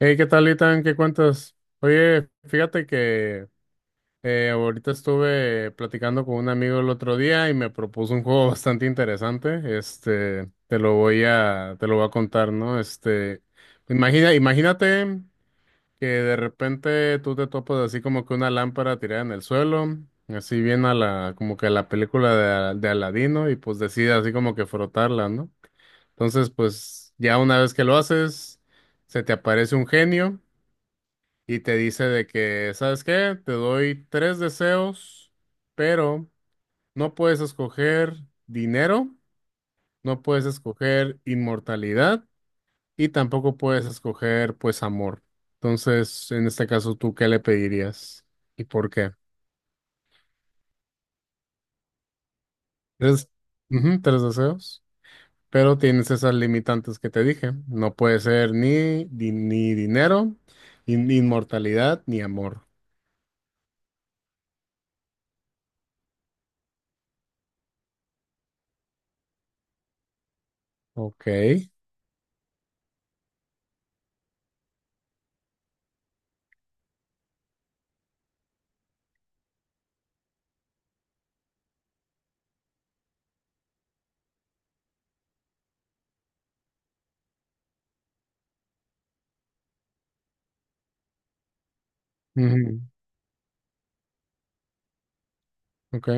Hey, ¿qué tal, Itan? ¿Qué cuentas? Oye, fíjate que ahorita estuve platicando con un amigo el otro día y me propuso un juego bastante interesante. Este, te lo voy a contar, ¿no? Este, imagínate que de repente tú te topas así como que una lámpara tirada en el suelo, así bien a la, como que a la película de, de Aladino y pues decides así como que frotarla, ¿no? Entonces, pues ya una vez que lo haces, se te aparece un genio y te dice de que, ¿sabes qué? Te doy tres deseos, pero no puedes escoger dinero, no puedes escoger inmortalidad y tampoco puedes escoger, pues, amor. Entonces, en este caso, ¿tú qué le pedirías y por qué? Tres, ujú, tres deseos, pero tienes esas limitantes que te dije. No puede ser ni dinero, ni inmortalidad, ni amor. Ok. Ujú, Ok.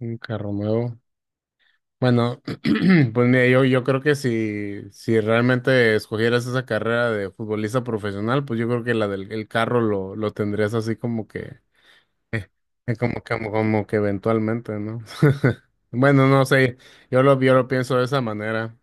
Un carro nuevo. Bueno, pues mira, yo creo que si realmente escogieras esa carrera de futbolista profesional, pues yo creo que la del el carro lo tendrías así como que, como que eventualmente, ¿no? Bueno, no sé, yo lo pienso de esa manera.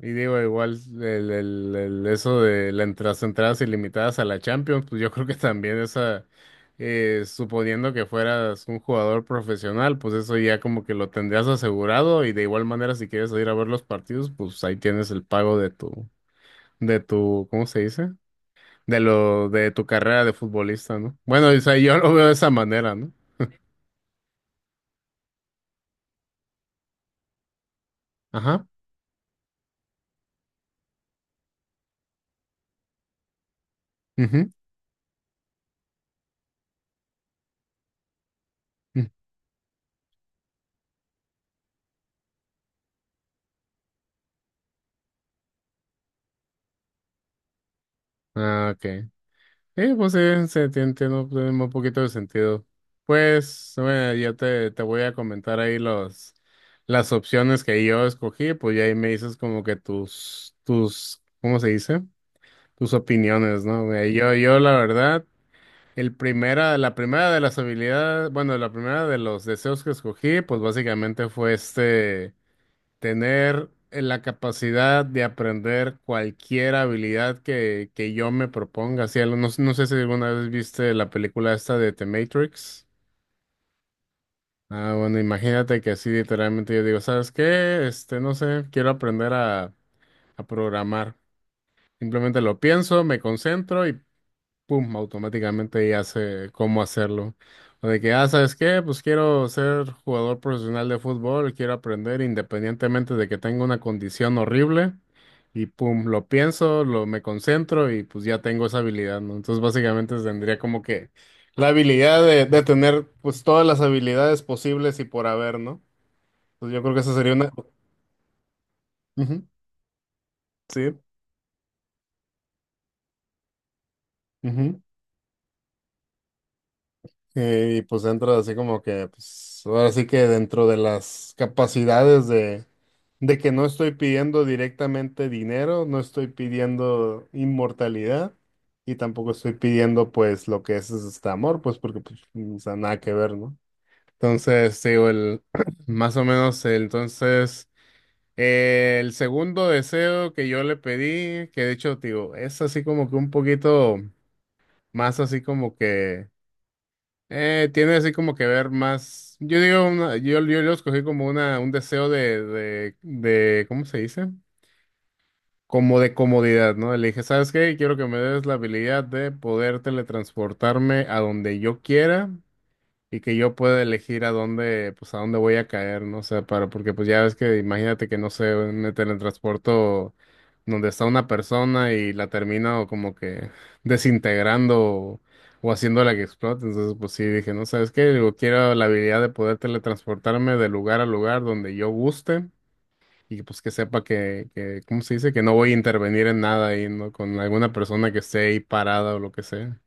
Y digo, igual eso de las entradas ilimitadas a la Champions, pues yo creo que también esa, suponiendo que fueras un jugador profesional, pues eso ya como que lo tendrías asegurado y de igual manera si quieres ir a ver los partidos, pues ahí tienes el pago de tu, ¿cómo se dice? De lo, de tu carrera de futbolista, ¿no? Bueno, o sea, yo lo veo de esa manera, ¿no? Ajá. Ujú, mm, ah, ok. Sí, pues sí, tiene un poquito de sentido. Pues, bueno, te voy a comentar ahí los, las opciones que yo escogí, pues ya ahí me dices como que tus, ¿cómo se dice? Tus opiniones, ¿no? Yo la verdad, la primera de las habilidades, bueno, la primera de los deseos que escogí, pues básicamente fue este tener la capacidad de aprender cualquier habilidad que yo me proponga. Sí, no, no sé si alguna vez viste la película esta de The Matrix. Ah, bueno, imagínate que así literalmente yo digo, ¿sabes qué? Este, no sé, quiero aprender a programar. Simplemente lo pienso, me concentro y pum, automáticamente ya sé cómo hacerlo. O de que, ah, ¿sabes qué? Pues quiero ser jugador profesional de fútbol, quiero aprender independientemente de que tenga una condición horrible. Y pum, lo pienso, lo me concentro y pues ya tengo esa habilidad, ¿no? Entonces básicamente tendría como que la habilidad de tener pues todas las habilidades posibles y por haber, ¿no? Entonces yo creo que esa sería una... Ujú, sí. Ujú. Y pues entra así como que, pues ahora sí que dentro de las capacidades de que no estoy pidiendo directamente dinero, no estoy pidiendo inmortalidad y tampoco estoy pidiendo pues lo que es este amor, pues porque pues, o sea, nada que ver, ¿no? Entonces, te digo, el, más o menos, el segundo deseo que yo le pedí, que de hecho, te digo, es así como que un poquito más así como que, tiene así como que ver más, yo digo, yo lo escogí como un deseo de, ¿cómo se dice? Como de comodidad, ¿no? Le dije, ¿sabes qué? Quiero que me des la habilidad de poder teletransportarme a donde yo quiera y que yo pueda elegir a dónde, pues a dónde voy a caer, ¿no? O sea, para, porque pues ya ves que imagínate que no sé, me teletransporto donde está una persona y la termino como que desintegrando o haciéndola que explote. Entonces, pues sí, dije, ¿no? ¿Sabes qué? Digo, quiero la habilidad de poder teletransportarme de lugar a lugar donde yo guste y pues que sepa que, ¿cómo se dice? Que no voy a intervenir en nada ahí, ¿no? Con alguna persona que esté ahí parada o lo que sea.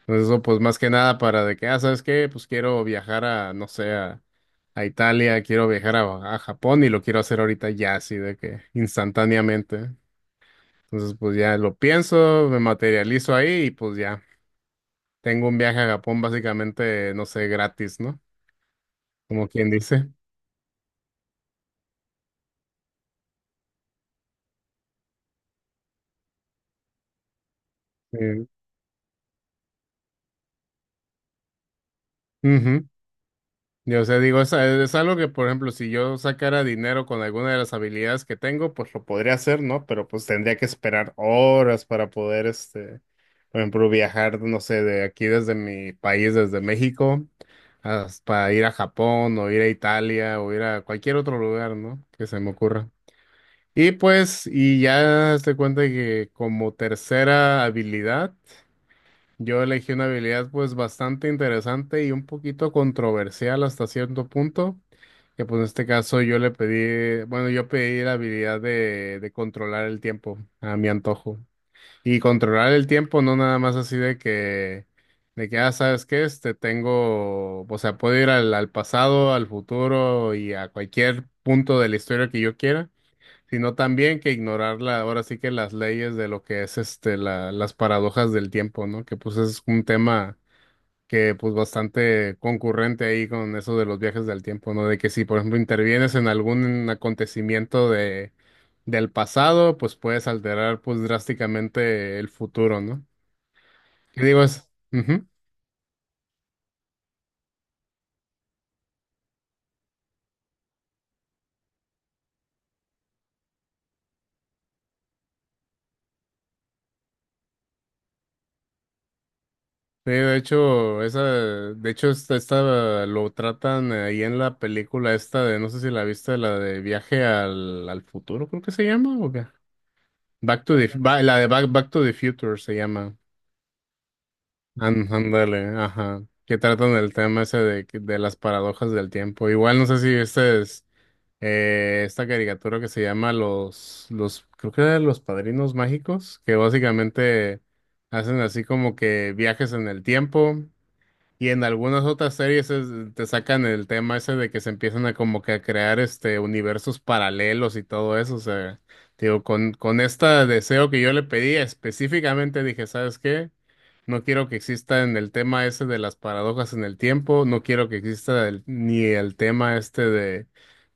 Entonces eso pues más que nada para de que, ah, ¿sabes qué? Pues quiero viajar a, no sé, a Italia, quiero viajar a Japón y lo quiero hacer ahorita ya, así de que instantáneamente. Entonces pues ya lo pienso, me materializo ahí y pues ya tengo un viaje a Japón básicamente, no sé, gratis, ¿no? Como quien dice. Eh, ujú. Yo, sé, digo, es algo que, por ejemplo, si yo sacara dinero con alguna de las habilidades que tengo, pues lo podría hacer, ¿no? Pero pues tendría que esperar horas para poder, este, por ejemplo, viajar, no sé, de aquí desde mi país, desde México, para ir a Japón o ir a Italia o ir a cualquier otro lugar, ¿no? Que se me ocurra. Y pues, y ya te cuenta que como tercera habilidad, yo elegí una habilidad pues bastante interesante y un poquito controversial hasta cierto punto, que pues en este caso yo le pedí, bueno, yo pedí la habilidad de controlar el tiempo a mi antojo. Y controlar el tiempo no nada más así de que, ah, ¿sabes qué? Este, tengo, o sea, puedo ir al pasado, al futuro y a cualquier punto de la historia que yo quiera sino también que ignorar la, ahora sí que las leyes de lo que es este las paradojas del tiempo, ¿no? Que pues es un tema que pues bastante concurrente ahí con eso de los viajes del tiempo, ¿no? De que si por ejemplo intervienes en algún acontecimiento de del pasado, pues puedes alterar pues drásticamente el futuro, ¿no? ¿Qué digo es? Sí, de hecho, esa, de hecho, esta lo tratan ahí en la película esta de, no sé si la viste, la de Viaje al futuro, creo que se llama, ¿o qué? Back to the, ba- la de Back, Back to the Future se llama. Ándale, ajá. Que tratan el tema ese de las paradojas del tiempo. Igual no sé si este es esta caricatura que se llama los, creo que era Los Padrinos Mágicos, que básicamente hacen así como que viajes en el tiempo. Y en algunas otras series te sacan el tema ese de que se empiezan a como que a crear este universos paralelos y todo eso. O sea, digo, con este deseo que yo le pedí específicamente dije, ¿sabes qué? No quiero que exista en el tema ese de las paradojas en el tiempo, no quiero que exista ni el tema este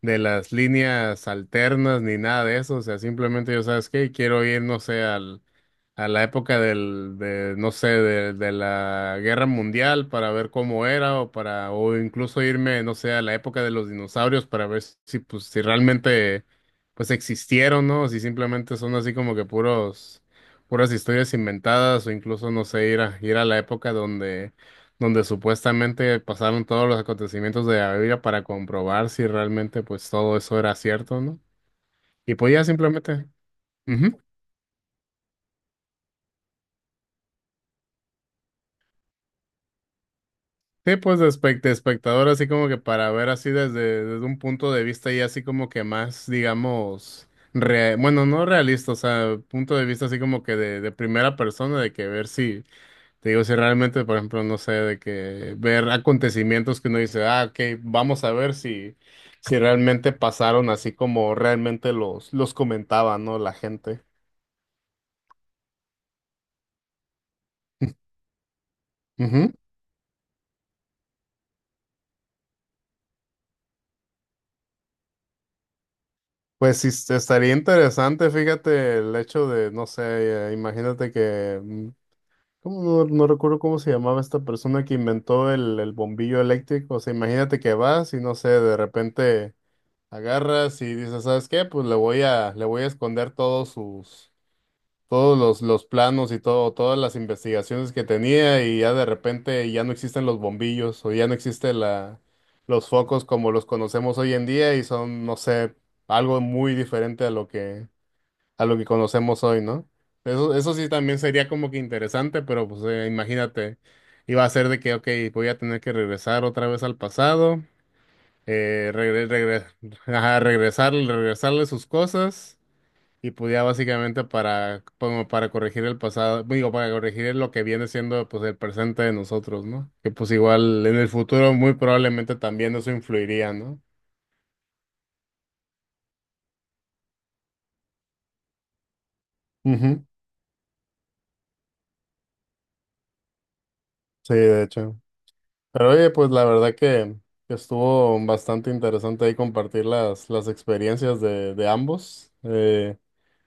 de las líneas alternas, ni nada de eso. O sea, simplemente yo, ¿sabes qué? Quiero ir, no sé, a la época de, no sé, de la guerra mundial para ver cómo era o para, o incluso irme, no sé, a la época de los dinosaurios para ver si, pues, si realmente, pues, existieron, ¿no? Si simplemente son así como que puras historias inventadas o incluso, no sé, ir a la época donde, donde supuestamente pasaron todos los acontecimientos de la Biblia para comprobar si realmente, pues, todo eso era cierto, ¿no? Y pues ya simplemente. Ujú. Sí, pues de, de espectador, así como que para ver así desde, desde un punto de vista y así como que más, digamos, bueno, no realista, o sea, punto de vista así como que de primera persona, de que ver si, te digo, si realmente, por ejemplo, no sé, de que ver acontecimientos que uno dice, ah, ok, vamos a ver si, si realmente pasaron así como realmente los comentaba, ¿no? La gente. Ujú. Pues sí, estaría interesante, fíjate, el hecho de, no sé, imagínate que mm, ¿Cómo no recuerdo cómo se llamaba esta persona que inventó el bombillo eléctrico? O sea, imagínate que vas y no sé, de repente agarras y dices, ¿sabes qué? Pues le voy a esconder todos sus, todos los planos y todo, todas las investigaciones que tenía y ya de repente ya no existen los bombillos o ya no existe la, los focos como los conocemos hoy en día y son, no sé, algo muy diferente a lo que conocemos hoy, ¿no? Eso sí también sería como que interesante, pero pues imagínate, iba a ser de que, ok, voy a tener que regresar otra vez al pasado, eh, regre- regre- ajá, regresarle sus cosas y pues ya básicamente para, como para corregir el pasado, digo, para corregir lo que viene siendo pues el presente de nosotros, ¿no? Que pues igual en el futuro muy probablemente también eso influiría, ¿no? Ujú. Sí, de hecho. Pero oye, pues la verdad que estuvo bastante interesante ahí compartir las experiencias de ambos.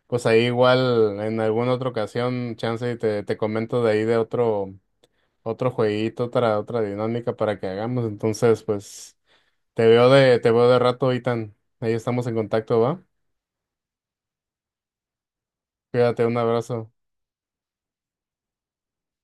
Pues ahí igual en alguna otra ocasión, chance y te comento de ahí de otro, otro jueguito, otra, otra dinámica para que hagamos. Entonces, pues te veo de rato, Itan. Ahí estamos en contacto, ¿va? Cuídate, un abrazo.